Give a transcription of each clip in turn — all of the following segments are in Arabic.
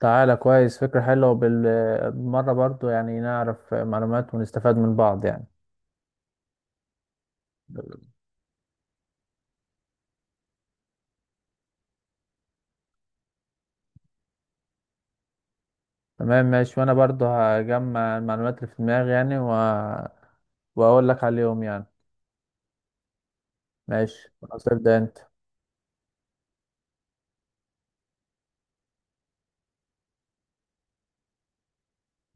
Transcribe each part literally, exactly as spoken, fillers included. تعالى كويس، فكرة حلوة بالمرة برضو يعني نعرف معلومات ونستفاد من بعض يعني. تمام ماشي، وأنا برضو هجمع المعلومات اللي في دماغي يعني و... وأقول لك عليهم يعني. ماشي خلاص ابدأ أنت.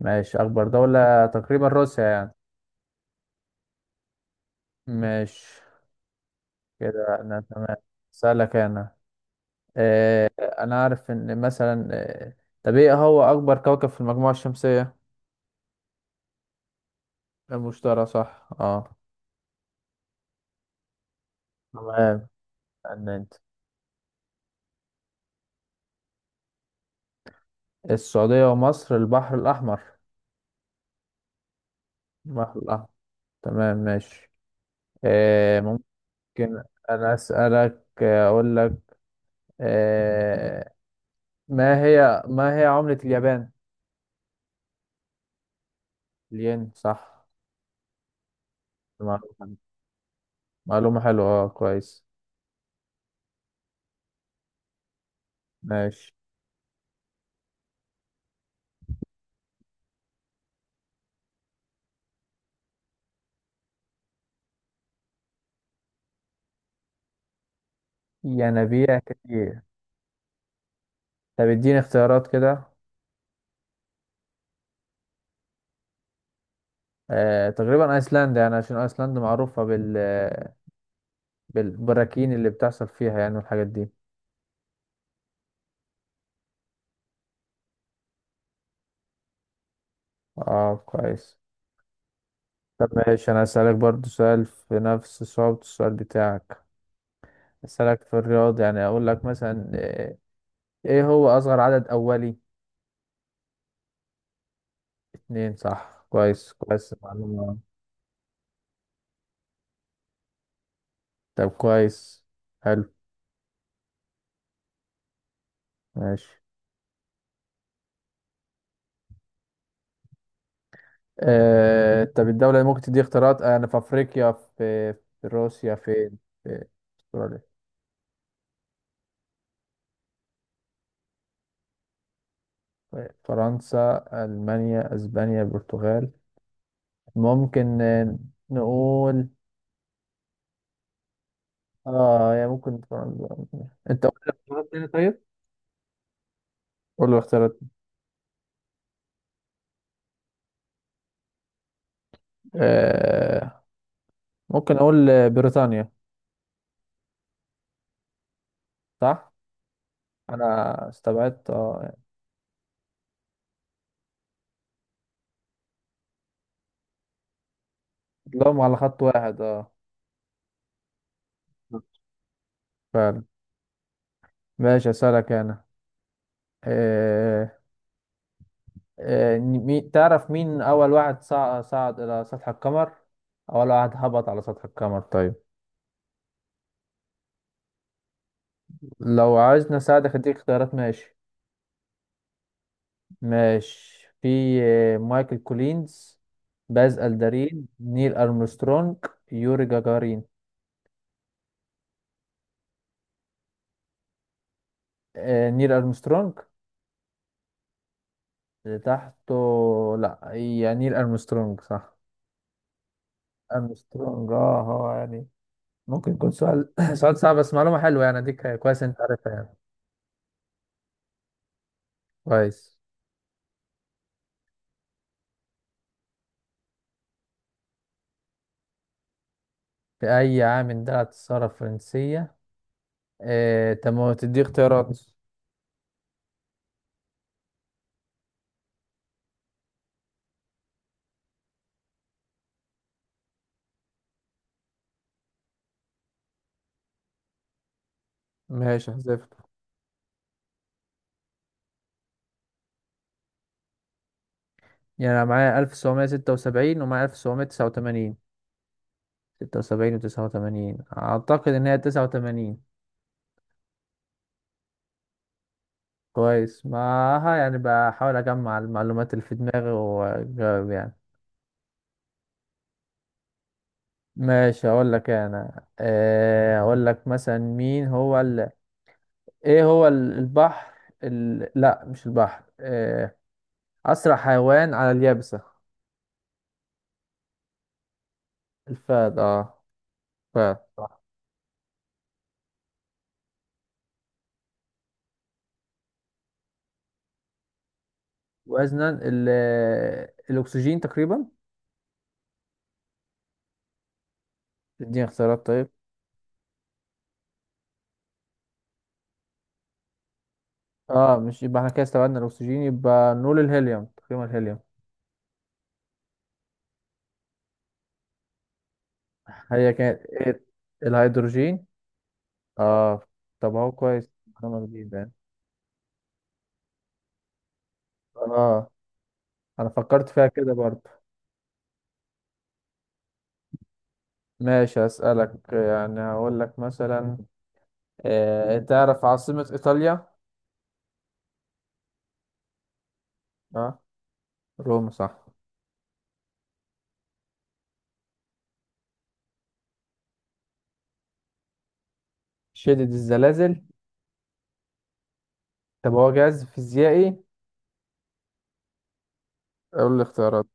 ماشي، أكبر دولة تقريبا روسيا يعني. ماشي كده أنا تمام. أسألك أنا. آه أنا عارف إن مثلا آه، طب إيه هو أكبر كوكب في المجموعة الشمسية؟ المشتري صح اه. تمام استنى أنت. السعودية ومصر البحر الأحمر. البحر الأحمر. تمام ماشي. آه. ممكن أنا أسألك، آه، أقول لك آه ما هي ما هي عملة اليابان؟ الين صح. معلومة حلوة، معلومة حلوة أه كويس. ماشي ينابيع كتير. طب اديني اختيارات كده. آه تقريبا أيسلندا يعني، عشان أيسلندا معروفة بال بالبراكين اللي بتحصل فيها يعني والحاجات دي. أه كويس. طب ماشي انا اسالك برضو سؤال في نفس صعوبة السؤال بتاعك. اسالك في الرياضة يعني، اقول لك مثلا آه، ايه هو اصغر عدد اولي؟ اتنين صح، كويس كويس المعلومة. طب كويس. حلو. ماشي، آه، طب الدولة، اللي ممكن تدي اختيارات، انا في افريقيا، في, في روسيا، فين، في استراليا؟ طيب، فرنسا، المانيا، اسبانيا، البرتغال. ممكن آه، نقول اه يعني ممكن فرنسا. انت قلت اختيارات تاني طيب. قول له اختيارات. آه ممكن اقول بريطانيا. صح. انا استبعدت اه. لهم على خط واحد اه. فعلا. ماشي اسالك انا. آه. آه مي... تعرف مين اول واحد صع... صعد الى سطح القمر، اول واحد هبط على سطح القمر طيب. لو عايزني اساعدك اديك اختيارات ماشي. ماشي في آه، مايكل كولينز، باز الدرين، نيل ارمسترونج، يوري جاجارين. آه نيل ارمسترونج. اللي تحته؟ لا يعني نيل ارمسترونج صح. ارمسترونج اه هو يعني. ممكن يكون سؤال سؤال صعب، بس معلومة حلوة يعني، اديك كويس انت عارفها يعني. كويس. في اي عام اندلعت الثورة الفرنسية؟ آه، تم تدي اختيارات. ماشي حذفت. يعني انا معايا ألف وسبعمية ستة وسبعين ومعايا ألف وسبعمية تسعة وتمانين. ستة وسبعين و89، اعتقد ان هي تسعة وتمانين. كويس معاها يعني، بحاول اجمع المعلومات اللي في دماغي واجاوب يعني. ماشي هقول لك انا، آه، هقول لك مثلا، مين هو ال... ايه هو ال- البحر ال... لا مش البحر، آه، اسرع حيوان على اليابسة؟ الفهد اه. فهد صح. وزنا ال... الاكسجين تقريبا. اديني اختيارات طيب. اه مش يبقى احنا كده استبعدنا الاكسجين، يبقى نقول الهيليوم تقريبا، الهيليوم. هي كانت ايه؟ الهيدروجين. اه. طب اهو كويس، معلومة جديدة يعني. اه انا فكرت فيها كده برضه. ماشي هسألك يعني، هقول لك مثلا، آه، تعرف عاصمة إيطاليا؟ اه روما صح. شدد الزلازل. طب هو جهاز فيزيائي. أقول الاختيارات.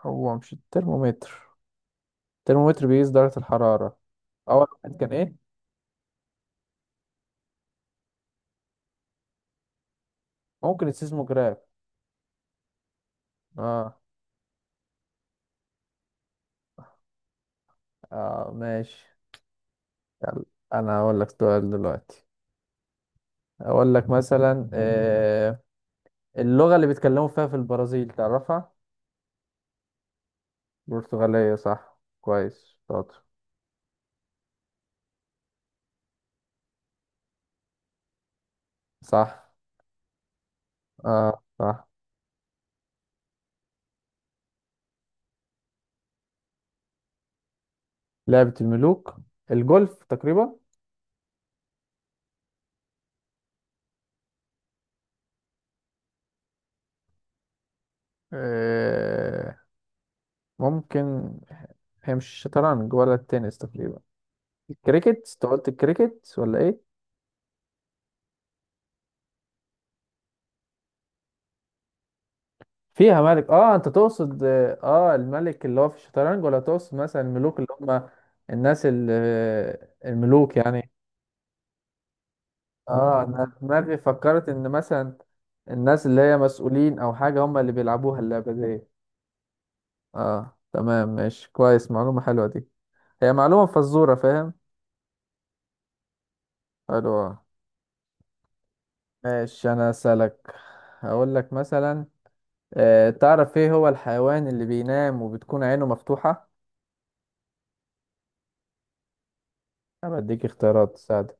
هو مش الترمومتر، الترمومتر بيقيس درجة الحرارة. أول واحد كان إيه؟ ممكن السيزموجراف. اه. اه ماشي. يلا. أنا هقول لك سؤال دلوقتي. أقول لك مثلا آه، اللغة اللي بيتكلموا فيها في البرازيل، تعرفها؟ برتغالية صح، كويس شاطر. صح اه. صح. لعبة الملوك، الجولف تقريبا. آه ممكن. هي مش شطرنج ولا التنس تقريبا، الكريكت. انت قلت الكريكت ولا ايه؟ فيها ملك اه، انت تقصد اه الملك اللي هو في الشطرنج، ولا تقصد مثلا الملوك اللي هم الناس ال- الملوك يعني. اه انا دماغي فكرت ان مثلا الناس اللي هي مسؤولين او حاجة هم اللي بيلعبوها اللعبة دي. اه تمام ماشي كويس، معلومة حلوة دي، هي معلومة فزورة، فاهم. حلو أوي. ماشي انا اسالك. هقول لك مثلا آه، تعرف ايه هو الحيوان اللي بينام وبتكون عينه مفتوحة؟ انا بديك اختيارات ساعد.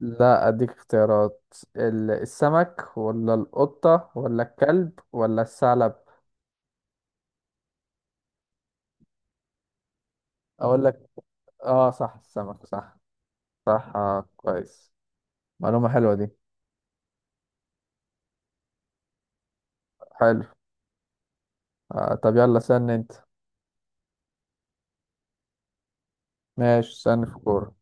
لا اديك اختيارات. ال- السمك ولا القطة ولا الكلب ولا الثعلب؟ اقول لك اه صح، السمك صح. صح آه كويس. معلومة حلوة دي. حلو. آه طب يلا سن انت. ماشي سن في كورة.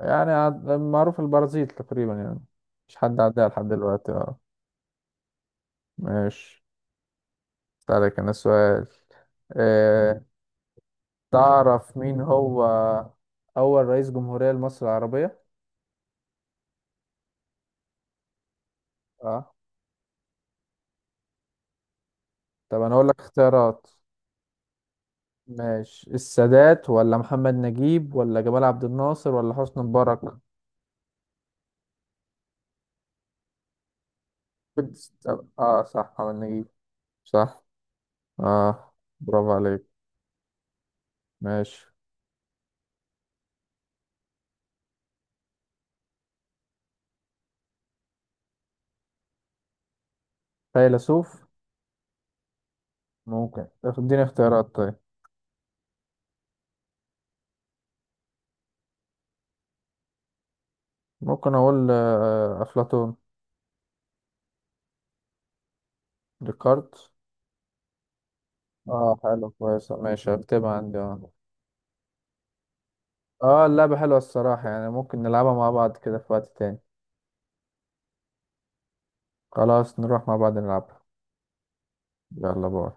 يعني عاد- معروف البرازيل تقريبا يعني، مش حد عدى لحد دلوقتي اه. ماشي. أسألك أنا سؤال. أه. تعرف مين هو أول رئيس جمهورية لمصر العربية؟ أه طب أنا أقول لك اختيارات. ماشي السادات ولا محمد نجيب ولا جمال عبد الناصر ولا حسني مبارك؟ طب- أه صح محمد نجيب. صح. أه. برافو عليك. ماشي. فيلسوف. ممكن طب اديني اختيارات طيب. ممكن أقول آه، أفلاطون. ديكارت. أه حلو كويس ماشي هكتبها عندي أه. اه اللعبة حلوة الصراحة يعني، ممكن نلعبها مع بعض كده في وقت تاني. خلاص نروح مع بعض نلعبها. يلا باي.